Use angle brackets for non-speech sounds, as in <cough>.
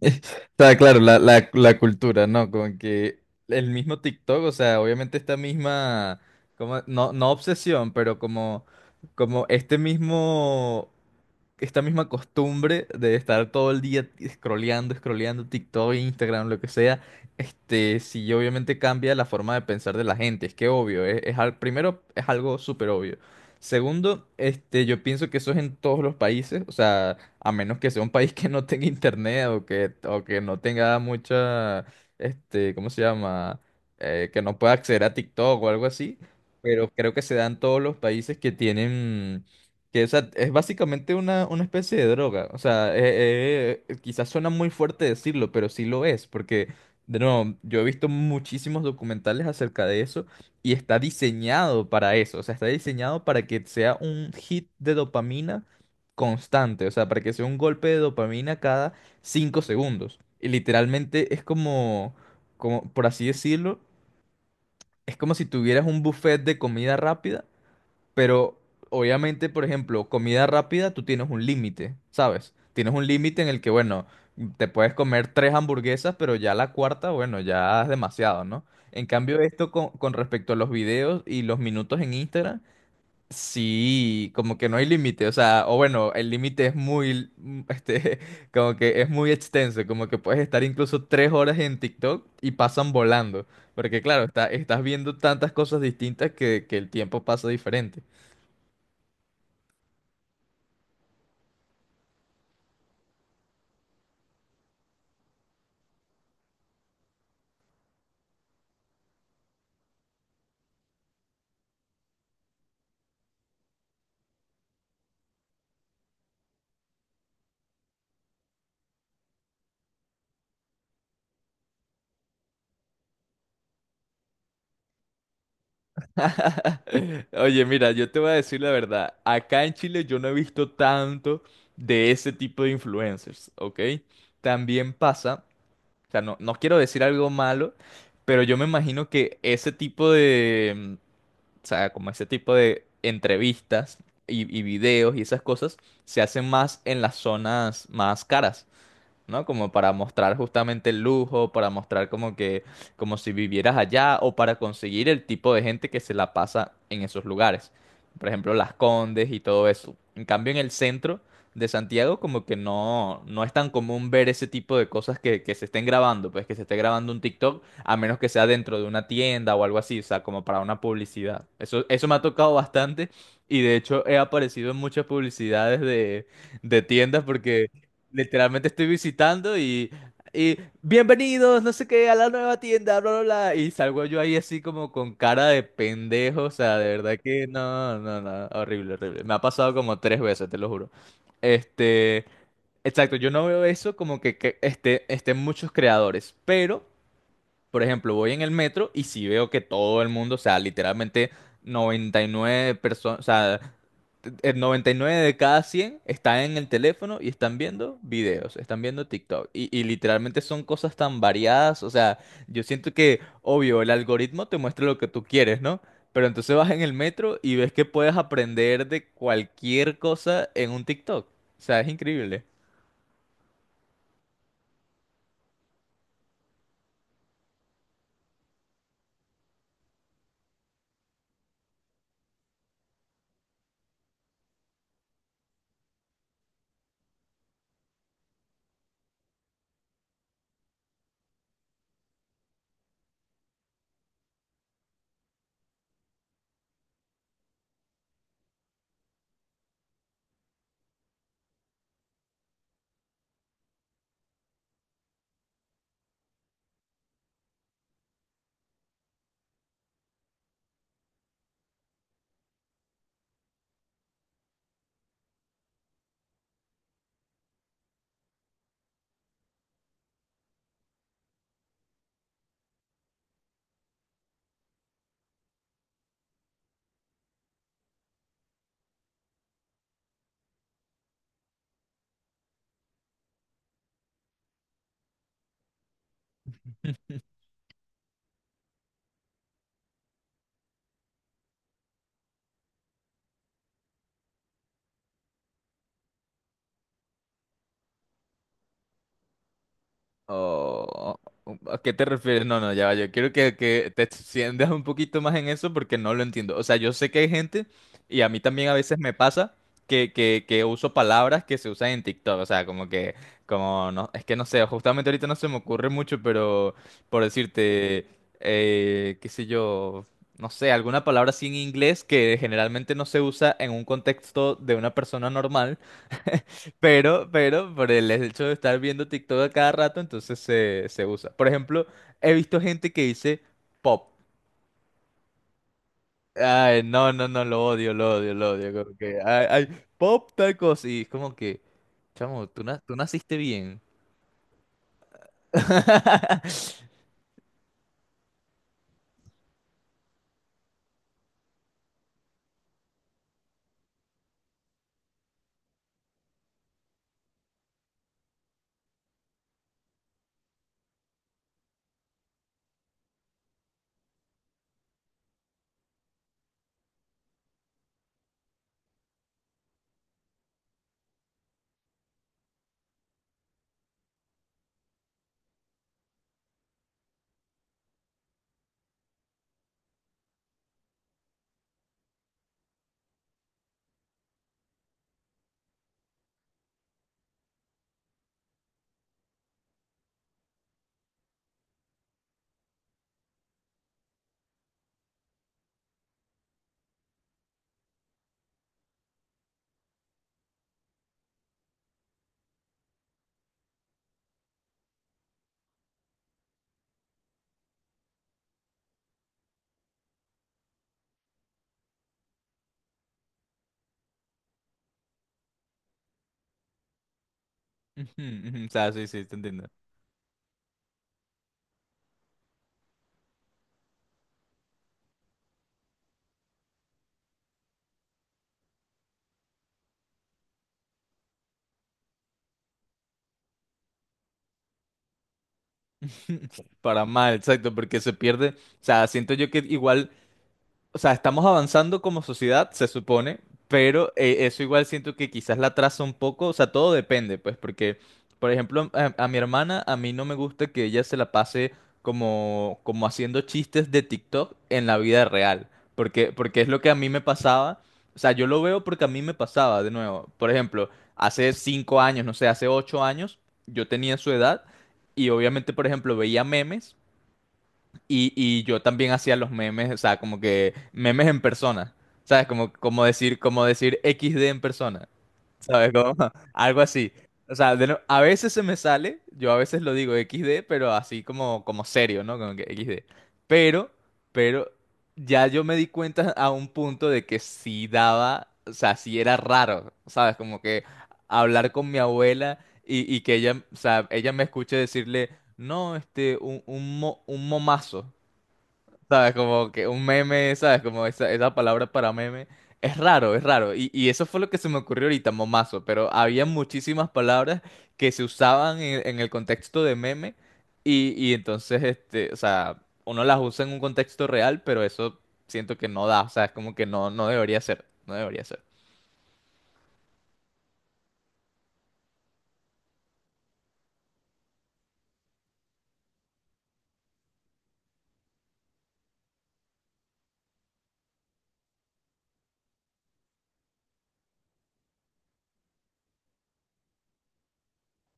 Está claro, la cultura, ¿no? Como que el mismo TikTok, o sea, obviamente esta misma, como, no obsesión, pero como, como este mismo esta misma costumbre de estar todo el día scrolleando TikTok, Instagram, lo que sea, sí obviamente cambia la forma de pensar de la gente, es que obvio, primero es algo súper obvio. Segundo, yo pienso que eso es en todos los países, o sea, a menos que sea un país que no tenga internet o que no tenga mucha, ¿cómo se llama? Que no pueda acceder a TikTok o algo así, pero creo que se da en todos los países que tienen que, o sea, es básicamente una especie de droga. O sea, quizás suena muy fuerte decirlo, pero sí lo es, porque, de nuevo, yo he visto muchísimos documentales acerca de eso y está diseñado para eso. O sea, está diseñado para que sea un hit de dopamina constante. O sea, para que sea un golpe de dopamina cada 5 segundos. Y literalmente es como, como, por así decirlo, es como si tuvieras un buffet de comida rápida, pero obviamente, por ejemplo, comida rápida, tú tienes un límite, ¿sabes? Tienes un límite en el que, bueno, te puedes comer tres hamburguesas, pero ya la cuarta, bueno, ya es demasiado, ¿no? En cambio, esto con respecto a los videos y los minutos en Instagram, sí, como que no hay límite, o sea, o bueno, el límite es muy, <laughs> como que es muy extenso, como que puedes estar incluso 3 horas en TikTok y pasan volando, porque claro, estás viendo tantas cosas distintas que el tiempo pasa diferente. <laughs> Oye, mira, yo te voy a decir la verdad. Acá en Chile yo no he visto tanto de ese tipo de influencers, ¿ok? También pasa, o sea, no quiero decir algo malo, pero yo me imagino que ese tipo de, o sea, como ese tipo de entrevistas y videos y esas cosas se hacen más en las zonas más caras, ¿no? Como para mostrar justamente el lujo, para mostrar como que, como si vivieras allá o para conseguir el tipo de gente que se la pasa en esos lugares. Por ejemplo, Las Condes y todo eso. En cambio, en el centro de Santiago como que no, no es tan común ver ese tipo de cosas que se estén grabando, pues que se esté grabando un TikTok, a menos que sea dentro de una tienda o algo así, o sea, como para una publicidad. Eso me ha tocado bastante y de hecho he aparecido en muchas publicidades de tiendas porque literalmente estoy visitando y bienvenidos, no sé qué, a la nueva tienda, bla, bla, bla. Y salgo yo ahí así como con cara de pendejo, o sea, de verdad que no, no, no, horrible, horrible. Me ha pasado como tres veces, te lo juro. Este, exacto, yo no veo eso como que, estén muchos creadores, pero... Por ejemplo, voy en el metro y si veo que todo el mundo, o sea, literalmente 99 personas, o sea, el 99 de cada 100 están en el teléfono y están viendo videos, están viendo TikTok. Y literalmente son cosas tan variadas. O sea, yo siento que, obvio, el algoritmo te muestra lo que tú quieres, ¿no? Pero entonces vas en el metro y ves que puedes aprender de cualquier cosa en un TikTok. O sea, es increíble. Oh, ¿a qué te refieres? No, no, ya va, yo quiero que te extiendas un poquito más en eso porque no lo entiendo. O sea, yo sé que hay gente, y a mí también a veces me pasa, que uso palabras que se usan en TikTok. O sea, como que, como, no, es que no sé, justamente ahorita no se me ocurre mucho, pero por decirte, qué sé yo, no sé, alguna palabra así en inglés que generalmente no se usa en un contexto de una persona normal, pero, por el hecho de estar viendo TikTok a cada rato, entonces se usa. Por ejemplo, he visto gente que dice pop. Ay, no, no, no, lo odio, lo odio, lo odio. Como que, ay, ay, pop tal cosa. Y es como que, chamo, tú, tú naciste bien. <laughs> Ujú, ujú. O sea, sí, sí, te entiendo. <laughs> Para mal, exacto, porque se pierde. O sea, siento yo que igual, o sea, estamos avanzando como sociedad, se supone, pero eso igual siento que quizás la atrasa un poco, o sea, todo depende, pues, porque, por ejemplo, a mi hermana, a mí no me gusta que ella se la pase como, como haciendo chistes de TikTok en la vida real, porque, porque es lo que a mí me pasaba, o sea, yo lo veo porque a mí me pasaba, de nuevo, por ejemplo, hace 5 años, no sé, hace 8 años, yo tenía su edad y obviamente, por ejemplo, veía memes. Y yo también hacía los memes, o sea, como que memes en persona, ¿sabes? Como, como decir XD en persona, ¿sabes? Como <laughs> algo así. O sea, de no- a veces se me sale, yo a veces lo digo XD, pero así como, como serio, ¿no? Como que XD. Pero, pero ya yo me di cuenta a un punto de que sí daba, o sea, sí era raro, ¿sabes? Como que hablar con mi abuela y que ella, o sea, ella me escuche decirle, no, un momazo. ¿Sabes? Como que un meme, ¿sabes? Como esa palabra para meme. Es raro, es raro. Y eso fue lo que se me ocurrió ahorita, momazo. Pero había muchísimas palabras que se usaban en el contexto de meme. Y entonces, o sea, uno las usa en un contexto real, pero eso siento que no da. O sea, es como que no, no debería ser. No debería ser.